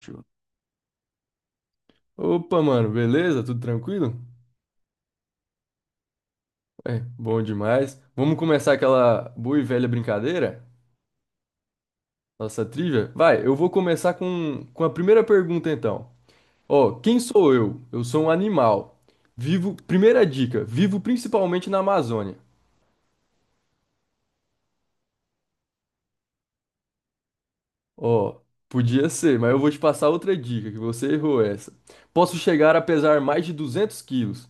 Show. Opa, mano, beleza? Tudo tranquilo? É, bom demais. Vamos começar aquela boa e velha brincadeira? Nossa trivia? Vai, eu vou começar com a primeira pergunta então. Ó, quem sou eu? Eu sou um animal. Vivo, primeira dica, vivo principalmente na Amazônia. Ó, podia ser, mas eu vou te passar outra dica, que você errou essa. Posso chegar a pesar mais de 200 quilos.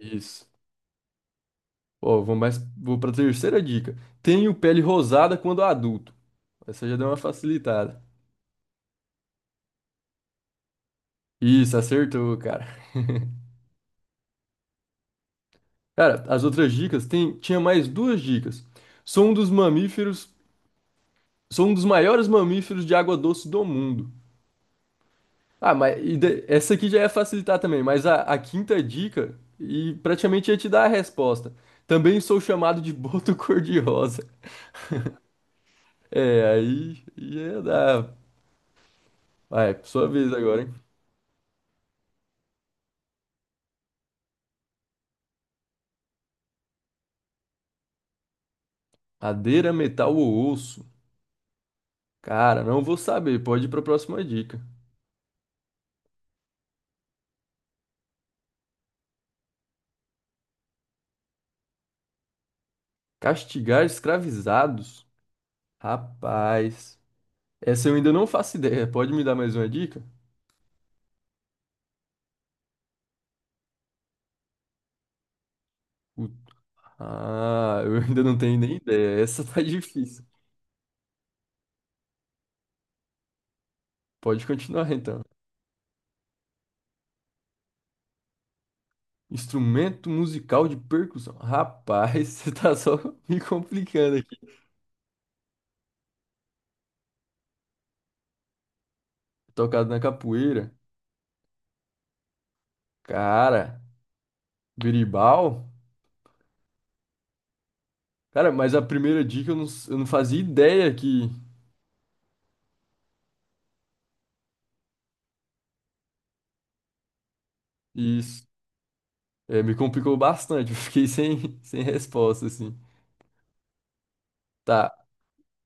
Isso. Ó, vou mais, vou para a terceira dica. Tenho pele rosada quando adulto. Essa já deu uma facilitada. Isso, acertou, cara. Cara, as outras dicas tinha mais duas dicas. Sou um dos mamíferos, Sou um dos maiores mamíferos de água doce do mundo. Ah, mas essa aqui já ia facilitar também, mas a quinta dica e praticamente ia te dar a resposta. Também sou chamado de boto cor-de-rosa. É, aí ia dar. Vai, sua vez agora, hein? Madeira, metal ou osso? Cara, não vou saber, pode ir pra próxima dica. Castigar escravizados? Rapaz, essa eu ainda não faço ideia. Pode me dar mais uma dica? O- Ah, eu ainda não tenho nem ideia. Essa tá difícil. Pode continuar então. Instrumento musical de percussão. Rapaz, você tá só me complicando aqui. Tocado na capoeira. Cara, berimbau? Cara, mas a primeira dica eu não fazia ideia que isso. É, me complicou bastante. Eu fiquei sem resposta, assim. Tá.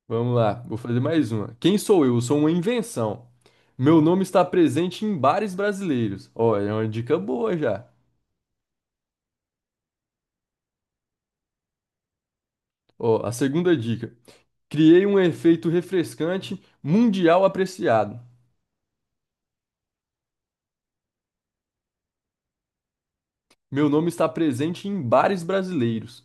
Vamos lá, vou fazer mais uma. Quem sou eu? Sou uma invenção. Meu nome está presente em bares brasileiros. Ó, é uma dica boa já. Ó, a segunda dica. Criei um efeito refrescante mundial apreciado. Meu nome está presente em bares brasileiros.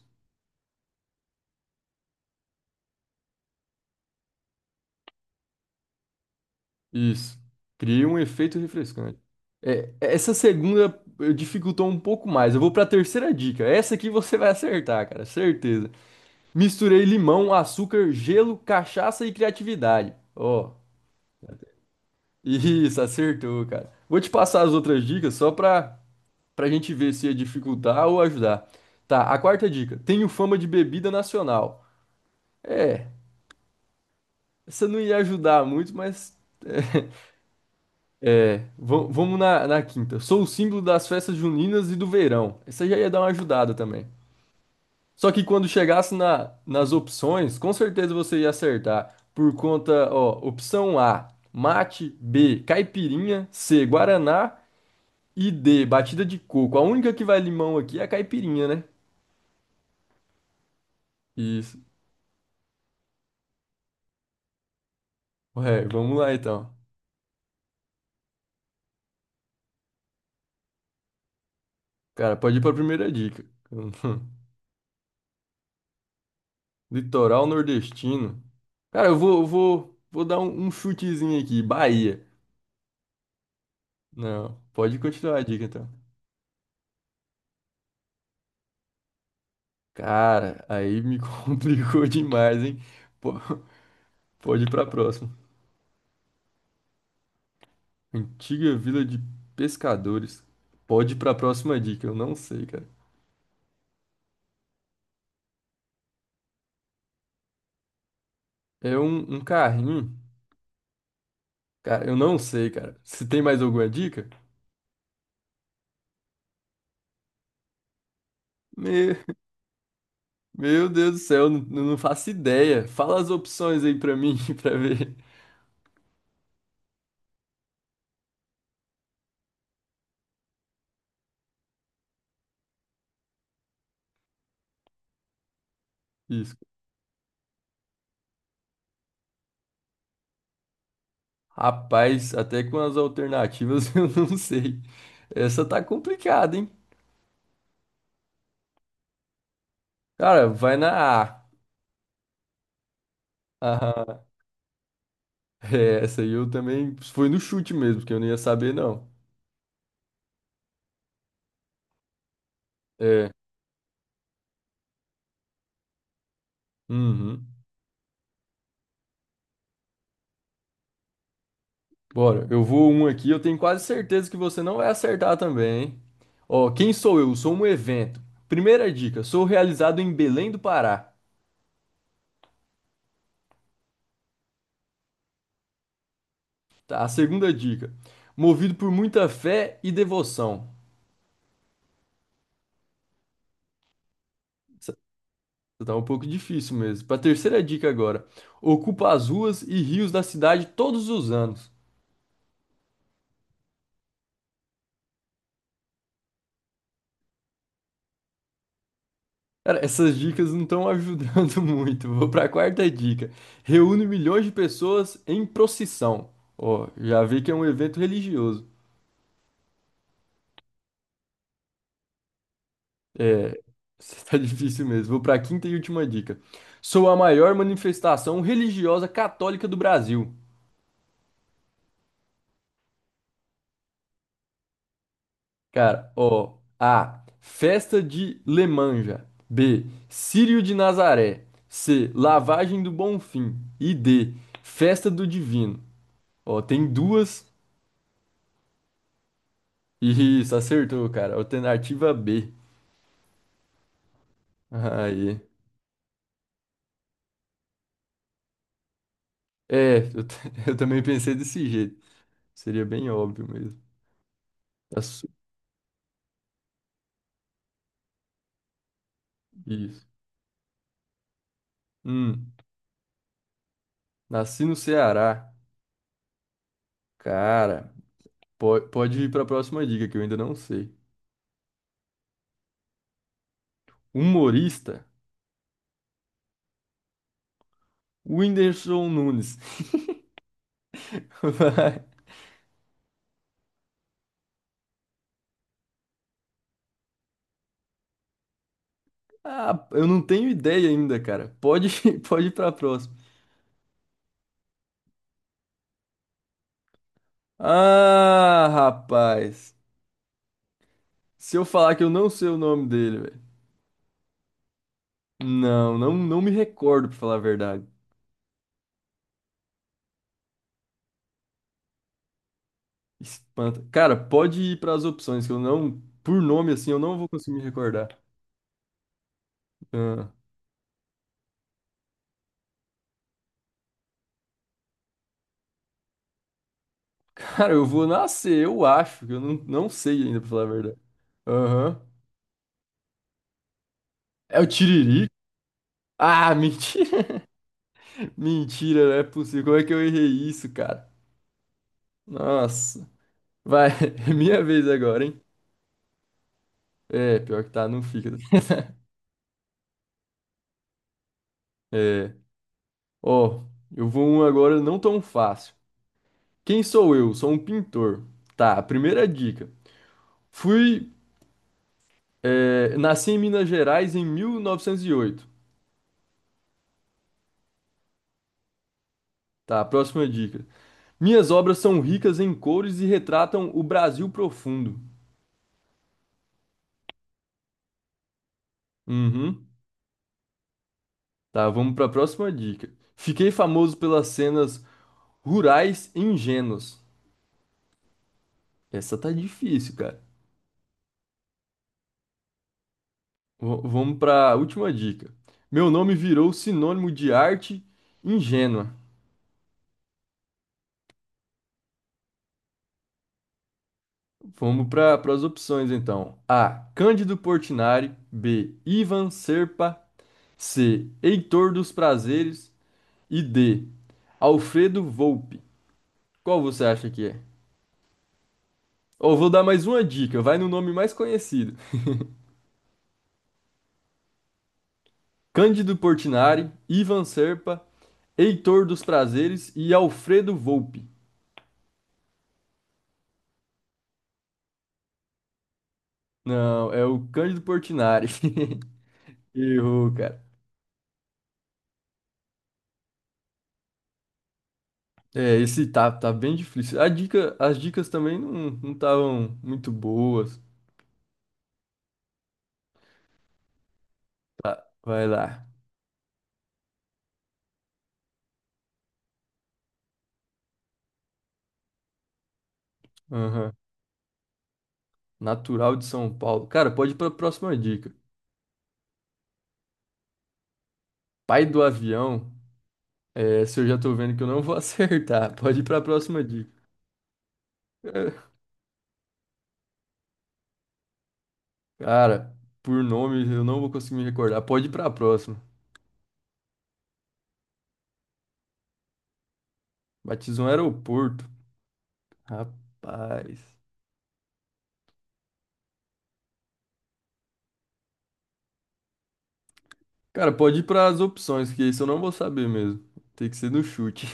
Isso. Criei um efeito refrescante. É, essa segunda dificultou um pouco mais. Eu vou para a terceira dica. Essa aqui você vai acertar, cara, certeza. Misturei limão, açúcar, gelo, cachaça e criatividade. Ó. Isso, acertou, cara. Vou te passar as outras dicas só pra gente ver se ia dificultar ou ajudar. Tá, a quarta dica. Tenho fama de bebida nacional. É, essa não ia ajudar muito, mas. É, vamos na quinta. Sou o símbolo das festas juninas e do verão. Essa já ia dar uma ajudada também. Só que quando chegasse nas opções, com certeza você ia acertar. Por conta, ó, opção A, mate, B, caipirinha, C, guaraná, e D, batida de coco. A única que vai limão aqui é a caipirinha, né? Isso. Ué, vamos lá então. Cara, pode ir pra primeira dica. Litoral nordestino. Cara, vou dar um chutezinho aqui. Bahia. Não, pode continuar a dica então. Cara, aí me complicou demais, hein? Po- Pode ir pra próxima. Antiga vila de pescadores. Pode ir pra próxima dica, eu não sei, cara. É um carrinho. Cara, eu não sei, cara. Se tem mais alguma dica? Me- Meu Deus do céu, eu não faço ideia. Fala as opções aí pra mim, pra ver isso. Rapaz, até com as alternativas eu não sei. Essa tá complicada, hein? Cara, vai na A. Aham. É, essa aí eu também. Foi no chute mesmo, porque eu não ia saber, não. É. Uhum. Bora, eu vou um aqui, eu tenho quase certeza que você não vai acertar também, hein? Ó, quem sou eu? Sou um evento. Primeira dica, sou realizado em Belém do Pará. Tá, a segunda dica, movido por muita fé e devoção. Essa tá um pouco difícil mesmo. Pra terceira dica agora, ocupa as ruas e rios da cidade todos os anos. Cara, essas dicas não estão ajudando muito. Vou pra quarta dica, reúne milhões de pessoas em procissão. Ó, já vi que é um evento religioso. É, tá difícil mesmo. Vou para a quinta e última dica. Sou a maior manifestação religiosa católica do Brasil. Cara, ó, A. Festa de Lemanja. B. Círio de Nazaré. C. Lavagem do Bonfim. E D. Festa do Divino. Ó, tem duas. Isso, acertou, cara. Alternativa B. Aí. É, eu, t- eu também pensei desse jeito. Seria bem óbvio mesmo. Tá su- Isso. Hum. Nasci no Ceará. Cara, pode ir para a próxima dica que eu ainda não sei. Humorista? Whindersson Nunes. Vai. Ah, eu não tenho ideia ainda, cara. Pode, pode ir para a próxima. Ah, rapaz. Se eu falar que eu não sei o nome dele, velho. Não, não, não me recordo, pra falar a verdade. Espanta. Cara, pode ir para as opções, que eu não, por nome assim, eu não vou conseguir me recordar. Ah. Cara, eu vou nascer, eu acho, que eu não sei ainda, pra falar a verdade. Aham. É o Tiriri? Ah, mentira. Mentira, não é possível. Como é que eu errei isso, cara? Nossa. Vai, é minha vez agora, hein? É, pior que tá, não fica. É. Ó, eu vou um agora não tão fácil. Quem sou eu? Sou um pintor. Tá, a primeira dica. Fui. Nasci em Minas Gerais em 1908. Tá, próxima dica. Minhas obras são ricas em cores e retratam o Brasil profundo. Uhum. Tá, vamos para a próxima dica. Fiquei famoso pelas cenas rurais e ingênuas. Essa tá difícil, cara. Vamos para a última dica. Meu nome virou sinônimo de arte ingênua. Vamos para as opções então. A. Cândido Portinari. B. Ivan Serpa. C. Heitor dos Prazeres. E D. Alfredo Volpi. Qual você acha que é? Ou vou dar mais uma dica, vai no nome mais conhecido. Cândido Portinari, Ivan Serpa, Heitor dos Prazeres e Alfredo Volpi. Não, é o Cândido Portinari. Errou, cara. É, esse tá bem difícil. As dicas também não estavam muito boas. Tá, vai lá. Aham. Natural de São Paulo. Cara, pode ir pra próxima dica. Pai do avião. É, se eu já tô vendo que eu não vou acertar, pode ir pra próxima dica. Cara, por nome eu não vou conseguir me recordar. Pode ir pra próxima. Batizou um aeroporto. Rapaz. Cara, pode ir pras opções, que isso eu não vou saber mesmo. Tem que ser no chute.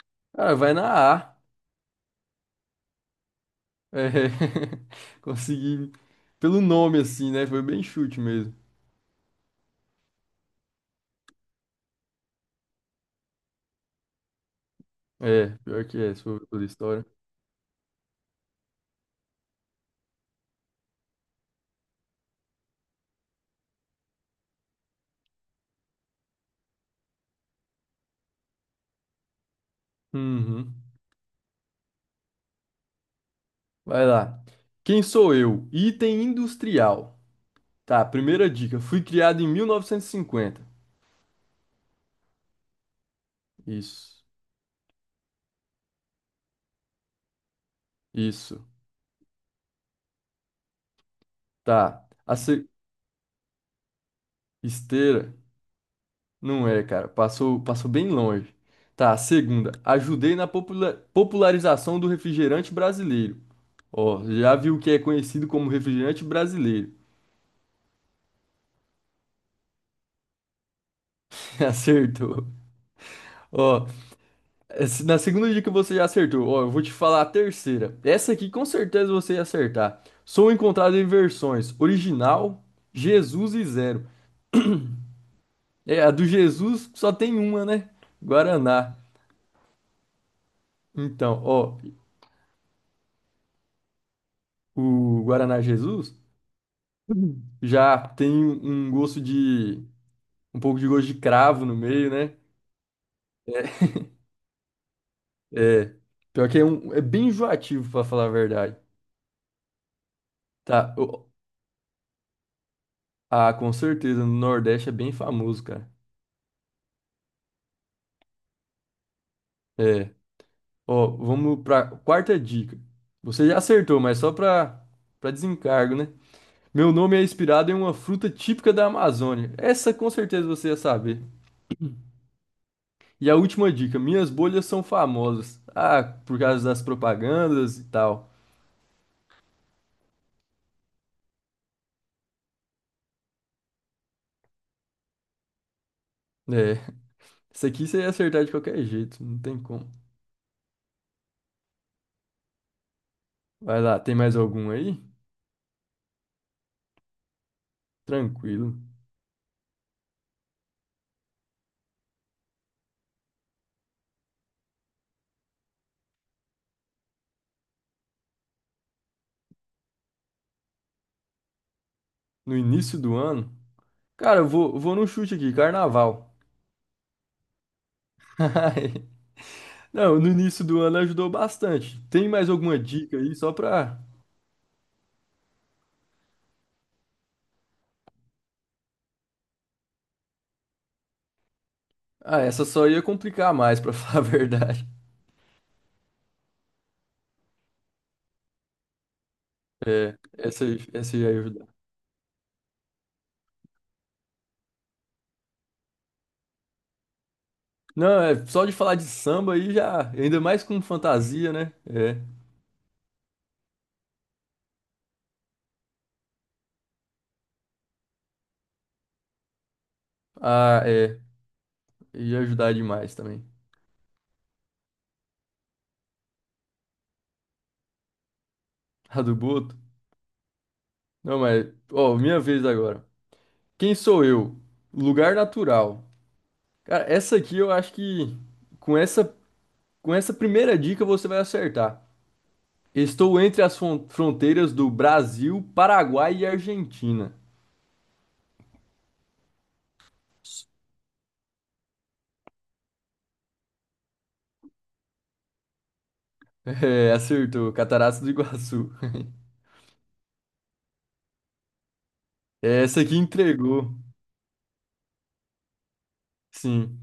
Cara, vai na A. É. Consegui. Pelo nome, assim, né? Foi bem chute mesmo. É, pior que é, se for ver pela história. Uhum. Vai lá. Quem sou eu? Item industrial. Tá, primeira dica. Fui criado em 1950. Isso. Isso. Tá. A se- Esteira? Não é, cara. Passou, passou bem longe. Tá, segunda. Ajudei na popularização do refrigerante brasileiro. Ó, já viu o que é conhecido como refrigerante brasileiro. Acertou. Ó, na segunda dica você já acertou. Ó, eu vou te falar a terceira. Essa aqui com certeza você ia acertar. Sou encontrado em versões original, Jesus e zero. É, a do Jesus só tem uma, né? Guaraná. Então, ó, o Guaraná Jesus. Já tem um gosto de. Um pouco de gosto de cravo no meio, né? É. é, Pior que é, é bem enjoativo, pra falar a verdade. Tá. Ô, ah, com certeza. No Nordeste é bem famoso, cara. É. Ó, vamos pra quarta dica. Você já acertou, mas só pra desencargo, né? Meu nome é inspirado em uma fruta típica da Amazônia. Essa com certeza você ia saber. E a última dica: minhas bolhas são famosas. Ah, por causa das propagandas e tal. É. Isso aqui você ia acertar de qualquer jeito, não tem como. Vai lá, tem mais algum aí? Tranquilo. No início do ano? Cara, eu vou no chute aqui, carnaval. Não, no início do ano ajudou bastante. Tem mais alguma dica aí só pra. Ah, essa só ia complicar mais, pra falar a verdade. É, essa ia ajudar. Não, é só de falar de samba aí já. Ainda mais com fantasia, né? É. Ah, é. Ia ajudar demais também. A do Boto? Não, mas. Ó, minha vez agora. Quem sou eu? Lugar natural. Cara, essa aqui eu acho que com essa, com essa primeira dica você vai acertar. Estou entre as fronteiras do Brasil, Paraguai e Argentina. É, acertou. Cataratas do Iguaçu. Essa aqui entregou, sim.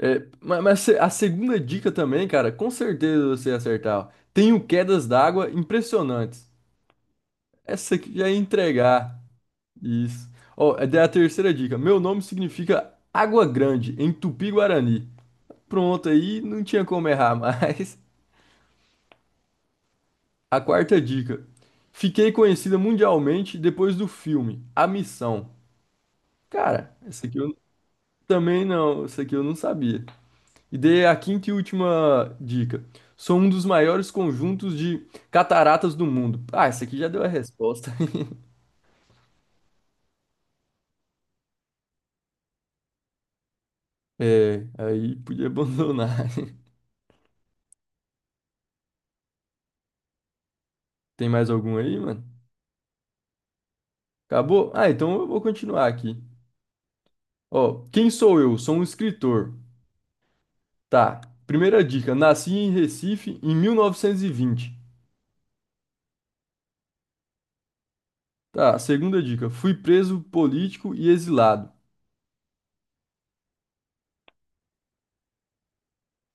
É, mas, a segunda dica também, cara, com certeza você ia acertar. Ó. Tenho quedas d'água impressionantes. Essa aqui já ia entregar. Isso. Ó, a terceira dica. Meu nome significa água grande em Tupi-Guarani. Pronto, aí não tinha como errar mais. A quarta dica. Fiquei conhecida mundialmente depois do filme A Missão. Cara, essa aqui eu não sabia. E dei a quinta e última dica. Sou um dos maiores conjuntos de cataratas do mundo. Ah, essa aqui já deu a resposta. É, aí podia abandonar. Tem mais algum aí, mano? Acabou? Ah, então eu vou continuar aqui. Ó, quem sou eu? Sou um escritor. Tá. Primeira dica: nasci em Recife em 1920. Tá. Segunda dica: fui preso político e exilado.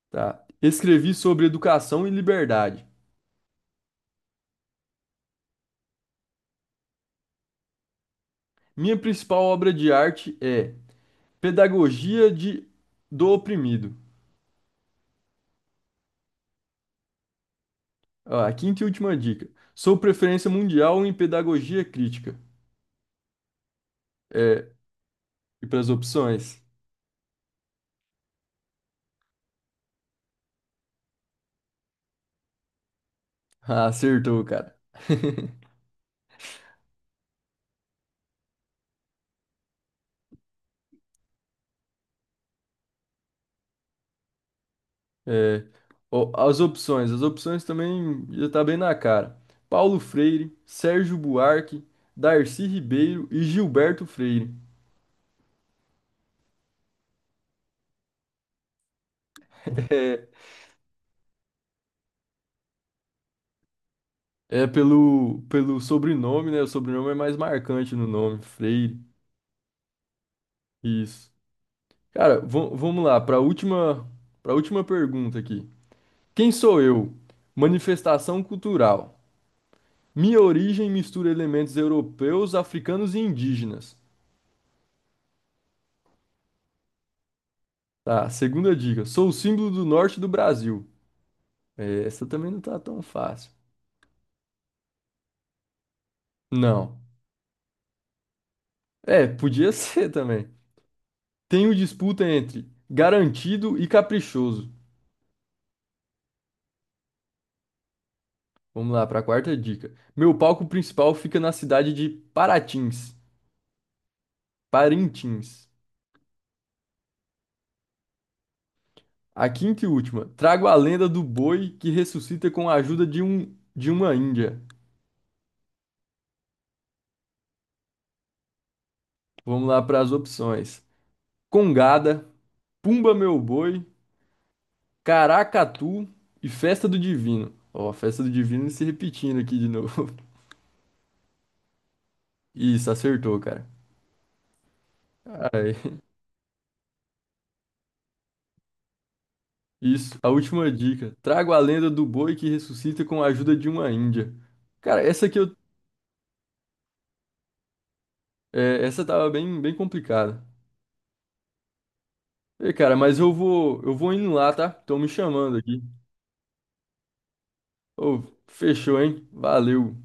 Tá. Escrevi sobre educação e liberdade. Minha principal obra de arte é Pedagogia de do Oprimido. Ó, a quinta e última dica: sou preferência mundial em pedagogia crítica. É, e para as opções? Ah, acertou, cara. É, ó, as opções também já tá bem na cara. Paulo Freire, Sérgio Buarque, Darcy Ribeiro e Gilberto Freire. É, é, pelo sobrenome, né? O sobrenome é mais marcante no nome, Freire. Isso. Cara, vamos lá, para última pergunta aqui. Quem sou eu? Manifestação cultural. Minha origem mistura elementos europeus, africanos e indígenas. Tá, segunda dica. Sou o símbolo do norte do Brasil. Essa também não tá tão fácil. Não. É, podia ser também. Tenho disputa entre garantido e caprichoso. Vamos lá, para a quarta dica. Meu palco principal fica na cidade de Parintins. A quinta e última. Trago a lenda do boi que ressuscita com a ajuda de uma índia. Vamos lá para as opções. Congada, Pumba Meu Boi, Caracatu e Festa do Divino. Ó, a Festa do Divino se repetindo aqui de novo. Isso, acertou, cara. Ai, isso, a última dica. Trago a lenda do boi que ressuscita com a ajuda de uma índia. Cara, essa aqui essa tava bem, bem complicada. Ei, cara, mas eu vou indo lá, tá? Estão me chamando aqui. Ô, fechou, hein? Valeu.